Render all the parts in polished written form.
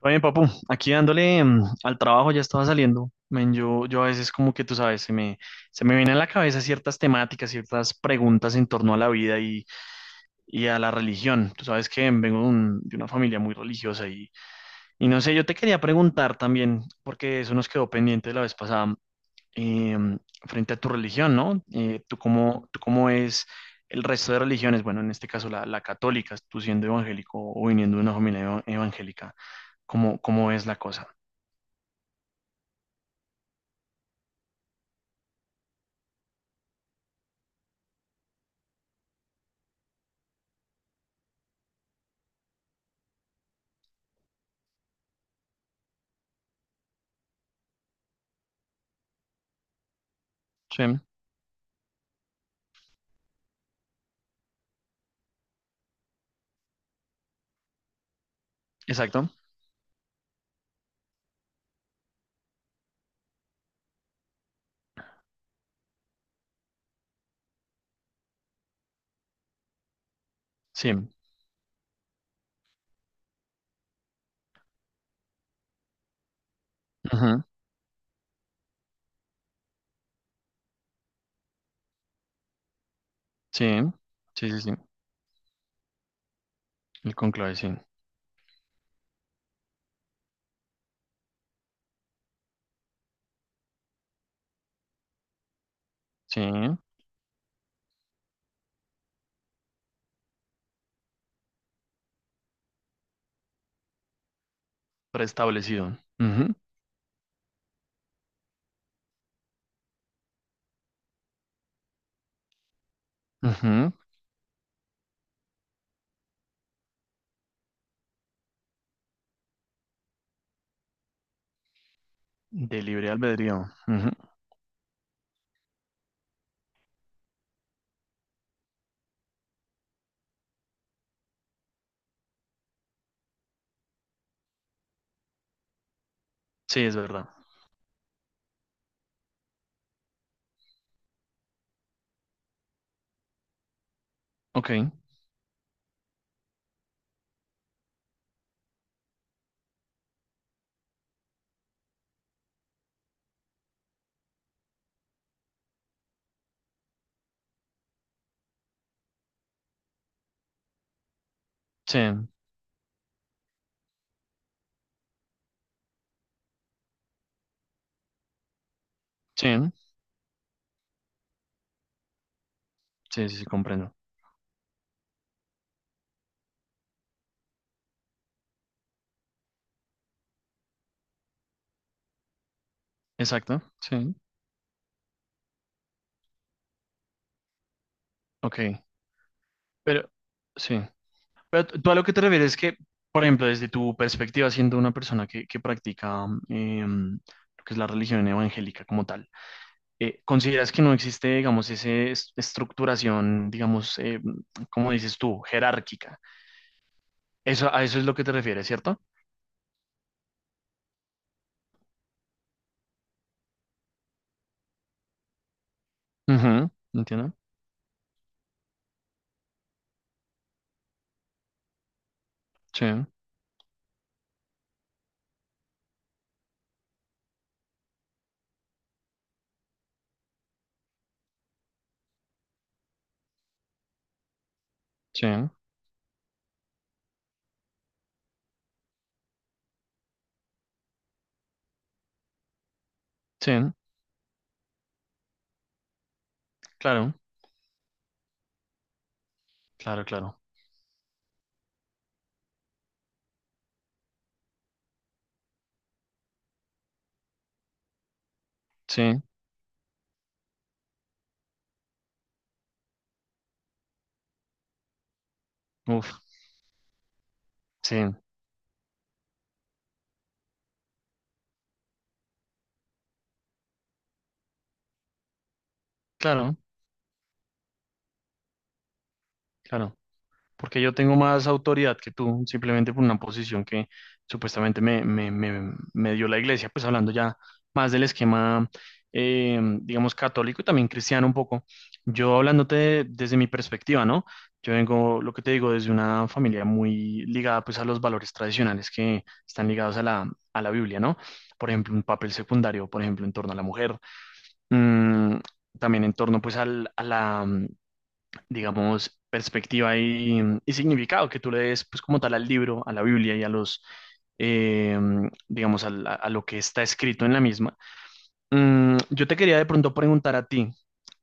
Oye, papu, aquí dándole al trabajo ya estaba saliendo. Men, yo a veces como que tú sabes, se me vienen a la cabeza ciertas temáticas, ciertas preguntas en torno a la vida y a la religión. Tú sabes que vengo de, de una familia muy religiosa y no sé, yo te quería preguntar también, porque eso nos quedó pendiente la vez pasada, eh, frente a tu religión, ¿no? Tú cómo es el resto de religiones? Bueno, en este caso la católica, tú siendo evangélico o viniendo de una familia evangélica, cómo es la cosa? Sí, exacto. Sí, ujú, sí. Sí, sí, sí. El conclave, sí. Sí. Preestablecido. Ujú, ujú, de libre albedrío. Ujú, sí, es verdad. Ok. Sí. Sí. Sí, sí, sí, comprendo. Exacto. Sí. Ok. Pero, sí. Pero tú a lo que te refieres es que, por ejemplo, desde tu perspectiva, siendo una persona que practica lo que es la religión evangélica como tal, ¿consideras que no existe, digamos, esa estructuración, digamos, como dices tú, jerárquica? Eso, a eso es lo que te refieres, ¿cierto? Ujú, ¿entiendo? Sí, sí, sí, claro, claro, claro, sí, uf, sí, claro, claro. Porque yo tengo más autoridad que tú, simplemente por una posición que supuestamente me dio la iglesia, pues hablando ya más del esquema, digamos, católico y también cristiano un poco. Yo hablándote desde mi perspectiva, ¿no? Yo vengo, lo que te digo, desde una familia muy ligada pues a los valores tradicionales que están ligados a a la Biblia, ¿no? Por ejemplo, un papel secundario, por ejemplo, en torno a la mujer, mm, también en torno pues a digamos, perspectiva y significado que tú le des, pues como tal, al libro, a la Biblia y a los, eh, digamos, a lo que está escrito en la misma. Yo te quería de pronto preguntar a ti,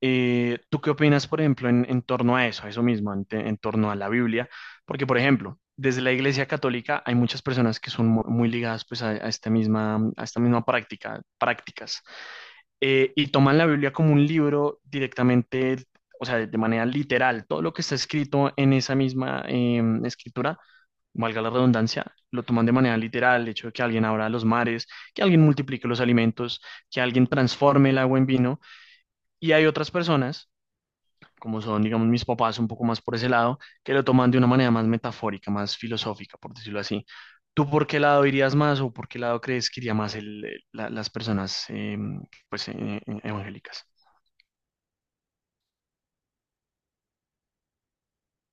¿tú qué opinas, por ejemplo, en torno a eso mismo, en torno a la Biblia? Porque, por ejemplo, desde la Iglesia Católica hay muchas personas que son muy ligadas pues a esta misma prácticas y toman la Biblia como un libro directamente, o sea, de manera literal. Todo lo que está escrito en esa misma escritura, valga la redundancia, lo toman de manera literal, el hecho de que alguien abra los mares, que alguien multiplique los alimentos, que alguien transforme el agua en vino. Y hay otras personas, como son, digamos, mis papás un poco más por ese lado, que lo toman de una manera más metafórica, más filosófica, por decirlo así. ¿Tú por qué lado irías más o por qué lado crees que iría más las personas pues, evangélicas?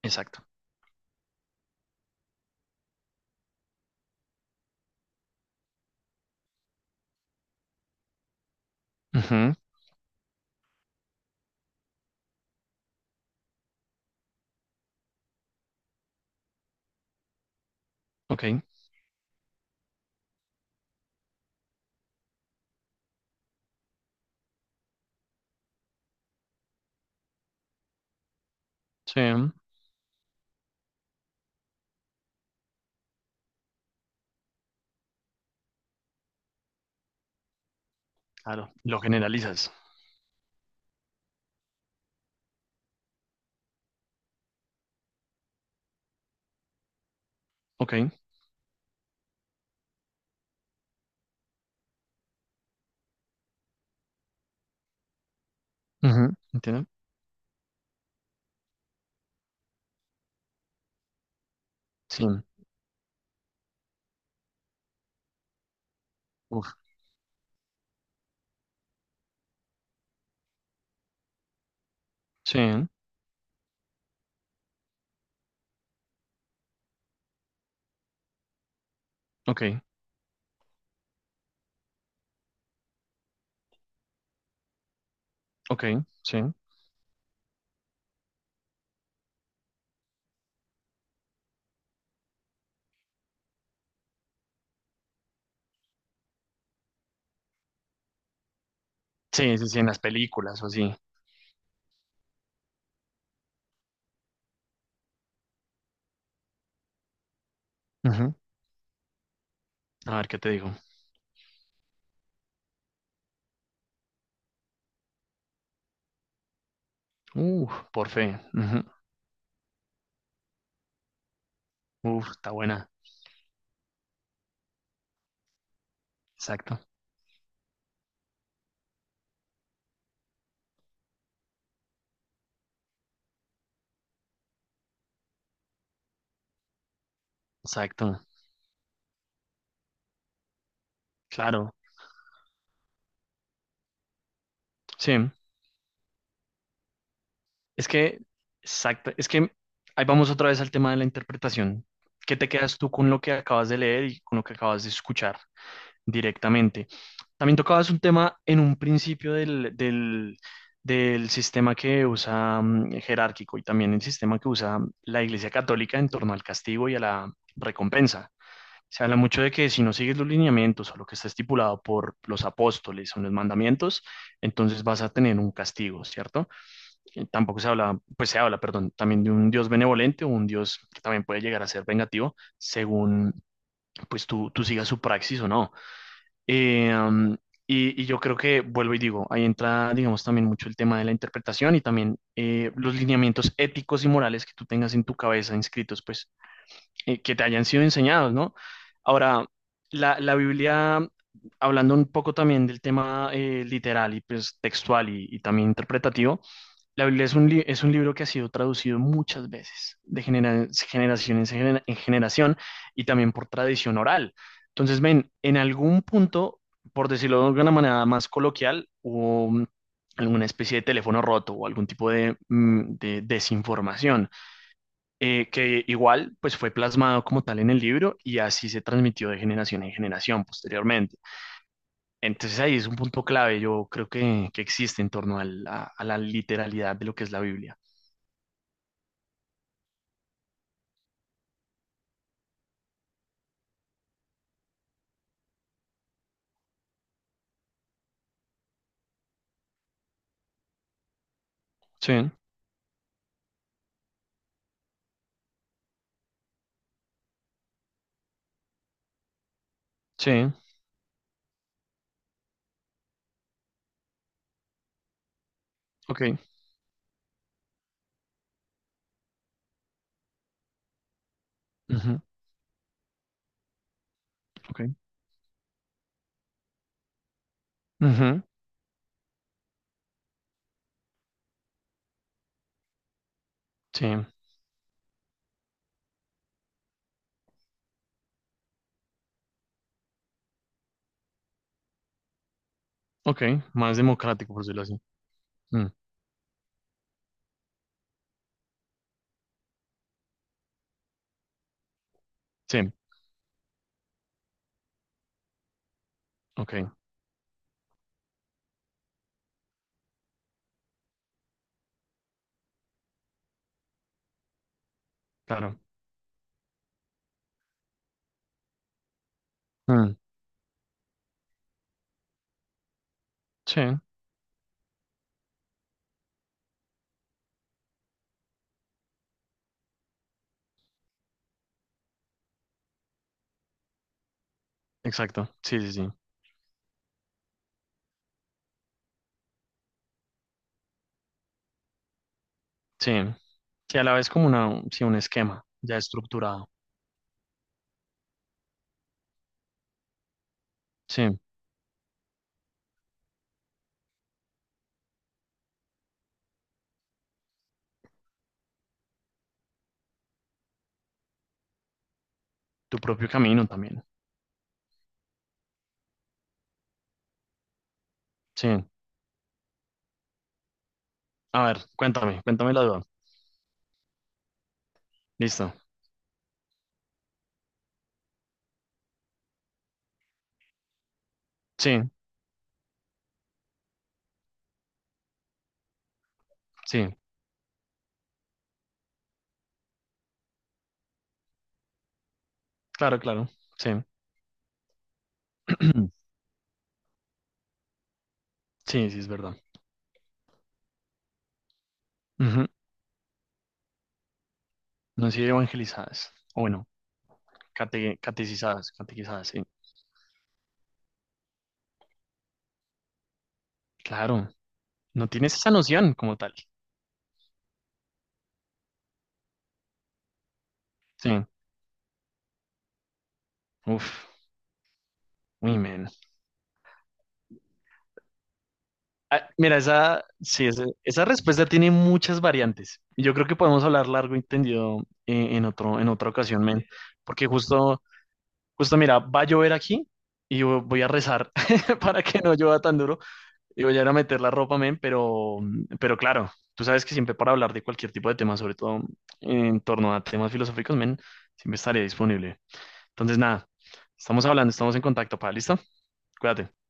Exacto. Ujú, ok. Sí. Claro. Lo generalizas. Ok. Ujú, ¿entiendo? Sí. Uf. Sí. Ok. Ok. Sí. Sí, sí, sí, en las películas o así. Ujú, a ver qué te digo. Uf, por fe. Ujú, uf, está buena. Exacto. Exacto. Claro. Sí. Es que, exacto. Es que ahí vamos otra vez al tema de la interpretación. ¿Qué te quedas tú con lo que acabas de leer y con lo que acabas de escuchar? Directamente. También tocabas un tema en un principio del sistema que usa jerárquico y también el sistema que usa la Iglesia Católica en torno al castigo y a la recompensa. Se habla mucho de que si no sigues los lineamientos o lo que está estipulado por los apóstoles o en los mandamientos, entonces vas a tener un castigo, ¿cierto? Y tampoco se habla, pues se habla, perdón, también de un Dios benevolente o un Dios que también puede llegar a ser vengativo según pues tú sigas su praxis o no. Eh, um, y yo creo que vuelvo y digo, ahí entra, digamos, también mucho el tema de la interpretación y también los lineamientos éticos y morales que tú tengas en tu cabeza inscritos, pues, que te hayan sido enseñados, ¿no? Ahora, la Biblia, hablando un poco también del tema literal y pues textual y también interpretativo, la Biblia es un, es un libro que ha sido traducido muchas veces, de generación en, en generación, y también por tradición oral. Entonces, ven, en algún punto, por decirlo de alguna manera más coloquial, hubo alguna especie de teléfono roto o algún tipo de, de desinformación, que igual pues fue plasmado como tal en el libro y así se transmitió de generación en generación posteriormente. Entonces ahí es un punto clave, yo creo que existe en torno a la literalidad de lo que es la Biblia. Sí, sí, ok, ujú, ok, ujú, sí, ok, más democrático, por decirlo así. Mm, sí, ok, claro. Mm, sí, exacto, sí, sí, sí, sí, sí, a la vez como una, sí, un esquema ya estructurado, sí, tu propio camino también, sí. A ver, cuéntame, cuéntame la duda. Listo, sí, sí, claro, claro, sí, sí, sí, es verdad. Ujú, no han sido evangelizadas, o bueno, catequizadas, catequizadas, sí, claro. No tienes esa noción como tal. Sí. Uf. Uy, men. Ah, mira, esa, sí, esa respuesta tiene muchas variantes. Y yo creo que podemos hablar largo y tendido en otro, en otra ocasión, men. Porque justo, justo, mira, va a llover aquí y yo voy a rezar para que no llueva tan duro. Y voy a ir a meter la ropa, men, pero claro, tú sabes que siempre para hablar de cualquier tipo de tema, sobre todo en torno a temas filosóficos, men, siempre estaré disponible. Entonces, nada, estamos hablando, estamos en contacto, pa, ¿listo? Cuídate.